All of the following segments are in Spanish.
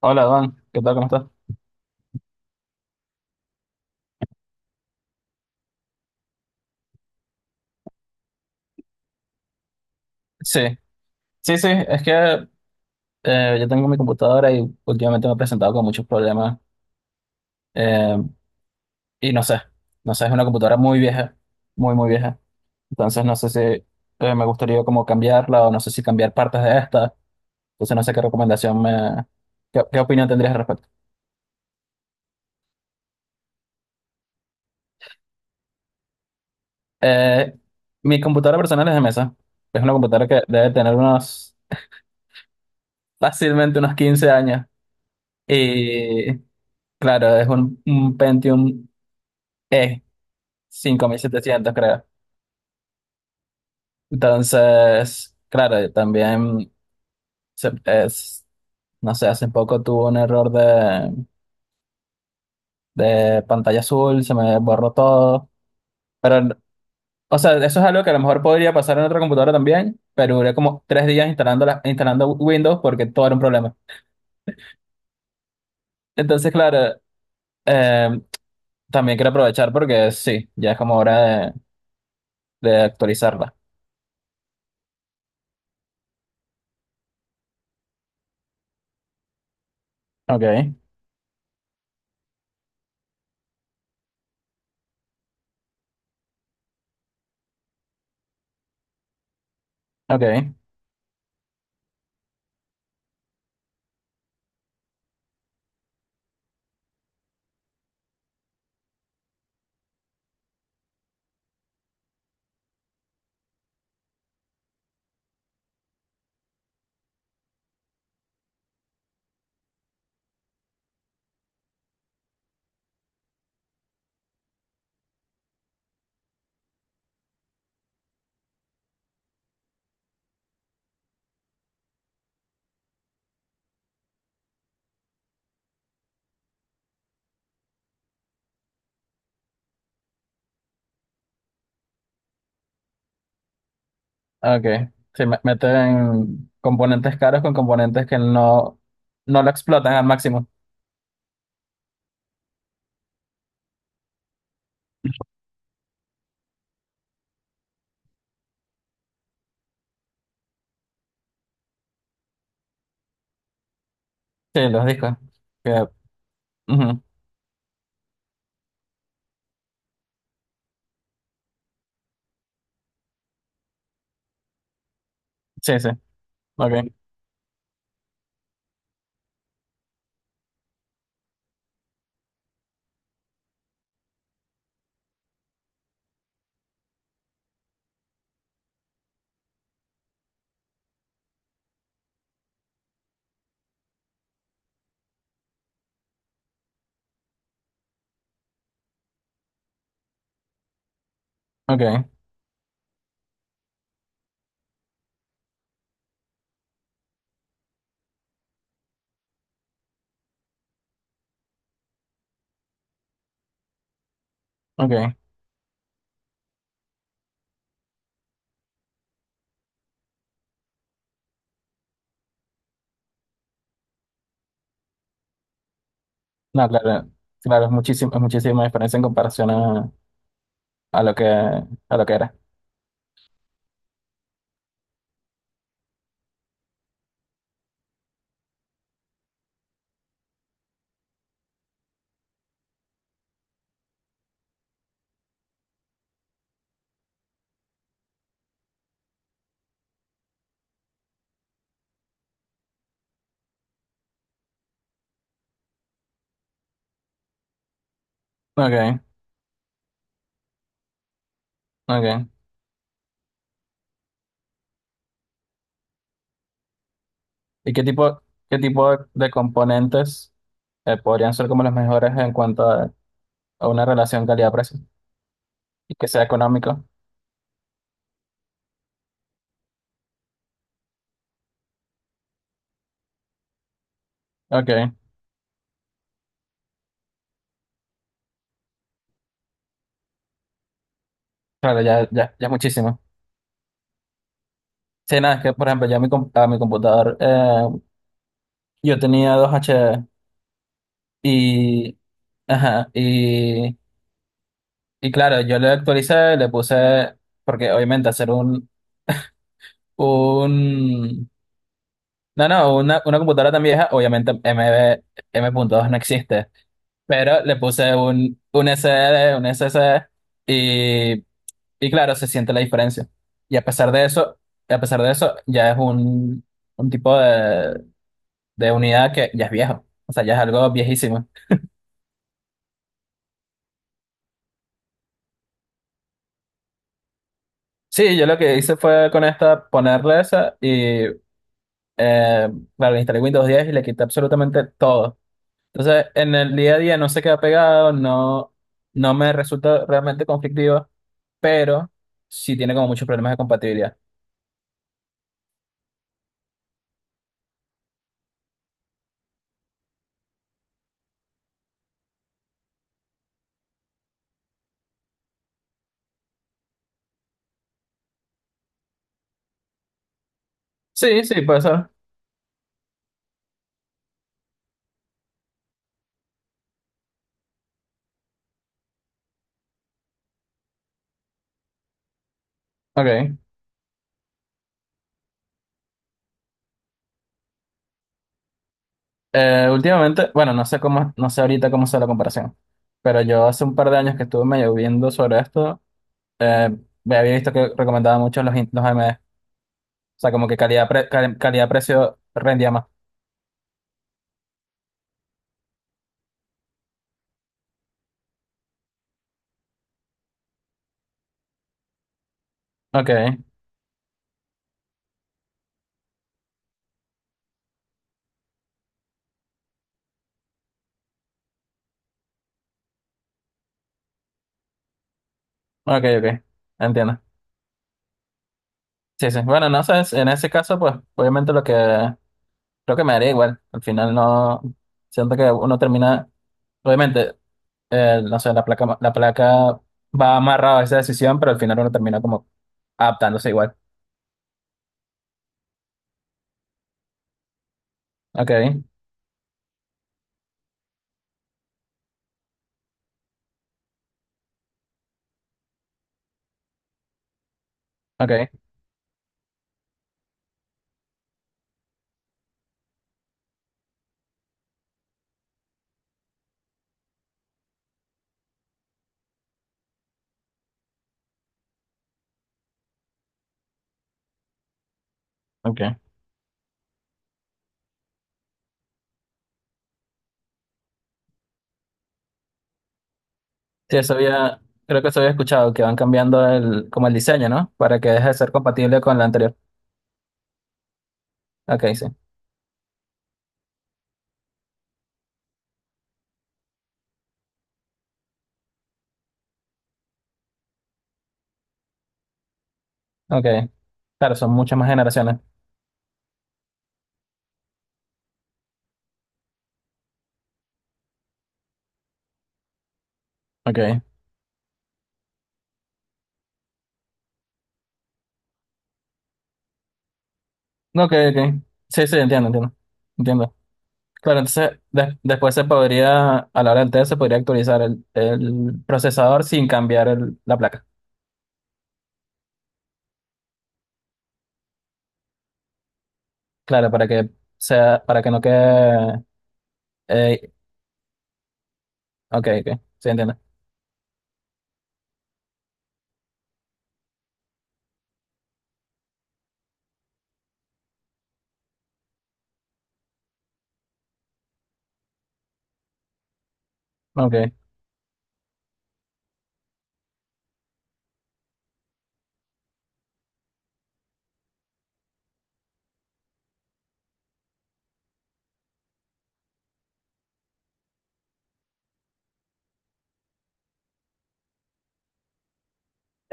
Hola, Juan. ¿Qué tal? ¿Cómo estás? Sí, sí, sí. Es que yo tengo mi computadora y últimamente me he presentado con muchos problemas. eh, y no sé, no sé, es una computadora muy vieja, muy, muy vieja. Entonces no sé si me gustaría como cambiarla o no sé si cambiar partes de esta. Entonces no sé qué recomendación me... ¿Qué opinión tendrías al respecto? Eh, Mi computadora personal es de mesa. Es una computadora que debe tener fácilmente unos 15 años. Y claro, es un Pentium E 5700, creo. Entonces, claro, también es, no sé, hace poco tuve un error de pantalla azul, se me borró todo. Pero, o sea, eso es algo que a lo mejor podría pasar en otra computadora también, pero duré como 3 días instalando, instalando Windows porque todo era un problema. Entonces, claro, eh, también quiero aprovechar porque sí, ya es como hora de, de actualizarla. Ok, ok. Ah, okay. Sí, meten componentes caros con componentes que no, no lo explotan al máximo. Sí, los discos. Que, ujú. Sí, sí. Ok, ok, ok. No, claro, claro, es muchísimo, es muchísima diferencia en comparación a lo que era. Ok, ok. ¿Y qué qué tipo de componentes podrían ser como los mejores en cuanto a una relación calidad-precio? Y que sea económico. Ok, claro, ya, ya, ya es muchísimo. Sí, nada, es que por ejemplo, ya a mi computador, yo tenía dos HD y, ajá, y claro, yo le actualicé, le puse, porque obviamente hacer un, no, no, una computadora tan vieja, obviamente m M.2 no existe, pero le puse un s S d un s SSD y, y claro, se siente la diferencia. Y a pesar de eso, ya es un tipo de unidad que ya es viejo, o sea, ya es algo viejísimo. Sí, yo lo que hice fue con esta ponerle esa y, eh, claro, instalé Windows 10 y le quité absolutamente todo. Entonces, en el día a día no se queda pegado, no, no me resulta realmente conflictivo, pero sí tiene como muchos problemas de compatibilidad. Sí, sí, puede ser. Ok. Últimamente, bueno, no sé cómo, no sé ahorita cómo sea la comparación, pero yo hace un par de años que estuve medio viendo sobre esto, eh, me había visto que recomendaba mucho los AMD. O sea, como que calidad, calidad-precio rendía más. Ok, ok, ok. Entiendo. Sí, sí. Bueno, no sé, en ese caso, pues, obviamente lo que creo que me daría igual. Al final no, siento que uno termina, obviamente, no sé, la placa va amarrada a esa decisión, pero al final uno termina como adaptándose igual. Ok, ok, ok. Sí, eso había, creo que eso había escuchado, que van cambiando el, como el diseño, ¿no? Para que deje de ser compatible con la anterior. Ok, sí. Ok. Claro, son muchas más generaciones. Ok. No, ok, ok. Sí, sí, entiendo, entiendo. Entiendo. Claro, entonces después se podría, a la hora del test, se podría actualizar el procesador sin cambiar la placa. Claro, para que no quede. eh, ok, ok. Sí, entiendo. Ok,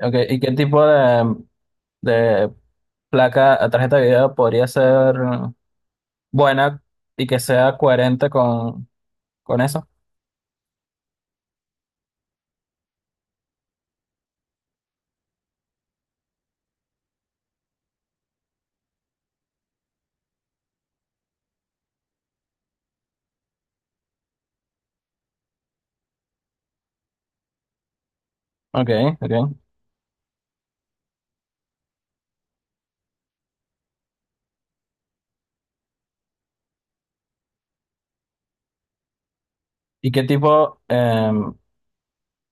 ok. ¿Y qué tipo de placa a tarjeta de video podría ser buena y que sea coherente con eso? Ok, ok. ¿Y qué tipo?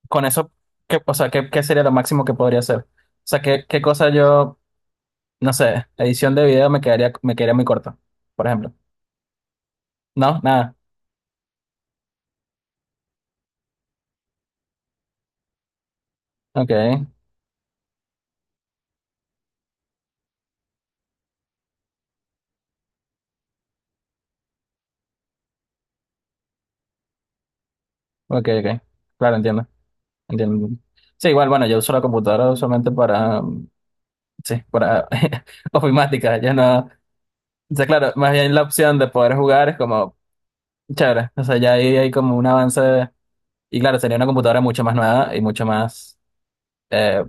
Con eso, o sea, ¿qué sería lo máximo que podría hacer? O sea, ¿qué cosa yo, no sé, edición de video me quedaría muy corta, por ejemplo. No, nada. Ok, ok, ok. Claro, entiendo, entiendo. Sí, igual, bueno, yo uso la computadora usualmente para, sí, para ofimática, ya no. O sea, claro, más bien la opción de poder jugar es como chévere. O sea, ya ahí hay como un avance. Y claro, sería una computadora mucho más nueva y mucho más, eh,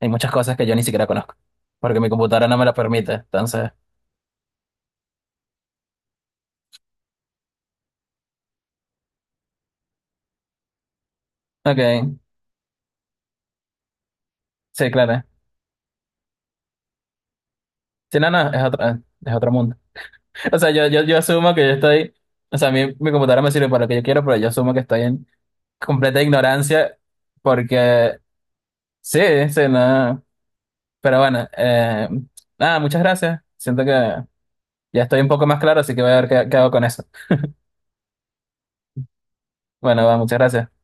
hay muchas cosas que yo ni siquiera conozco porque mi computadora no me lo permite. Entonces, ok, sí, claro. Sí, no, no, es otro mundo. O sea, yo, yo asumo que yo estoy, o sea, mi computadora me sirve para lo que yo quiero, pero yo asumo que estoy en completa ignorancia porque sí, sí, no. Pero bueno, nada, muchas gracias. Siento que ya estoy un poco más claro, así que voy a ver qué hago con eso. Bueno, va, muchas gracias.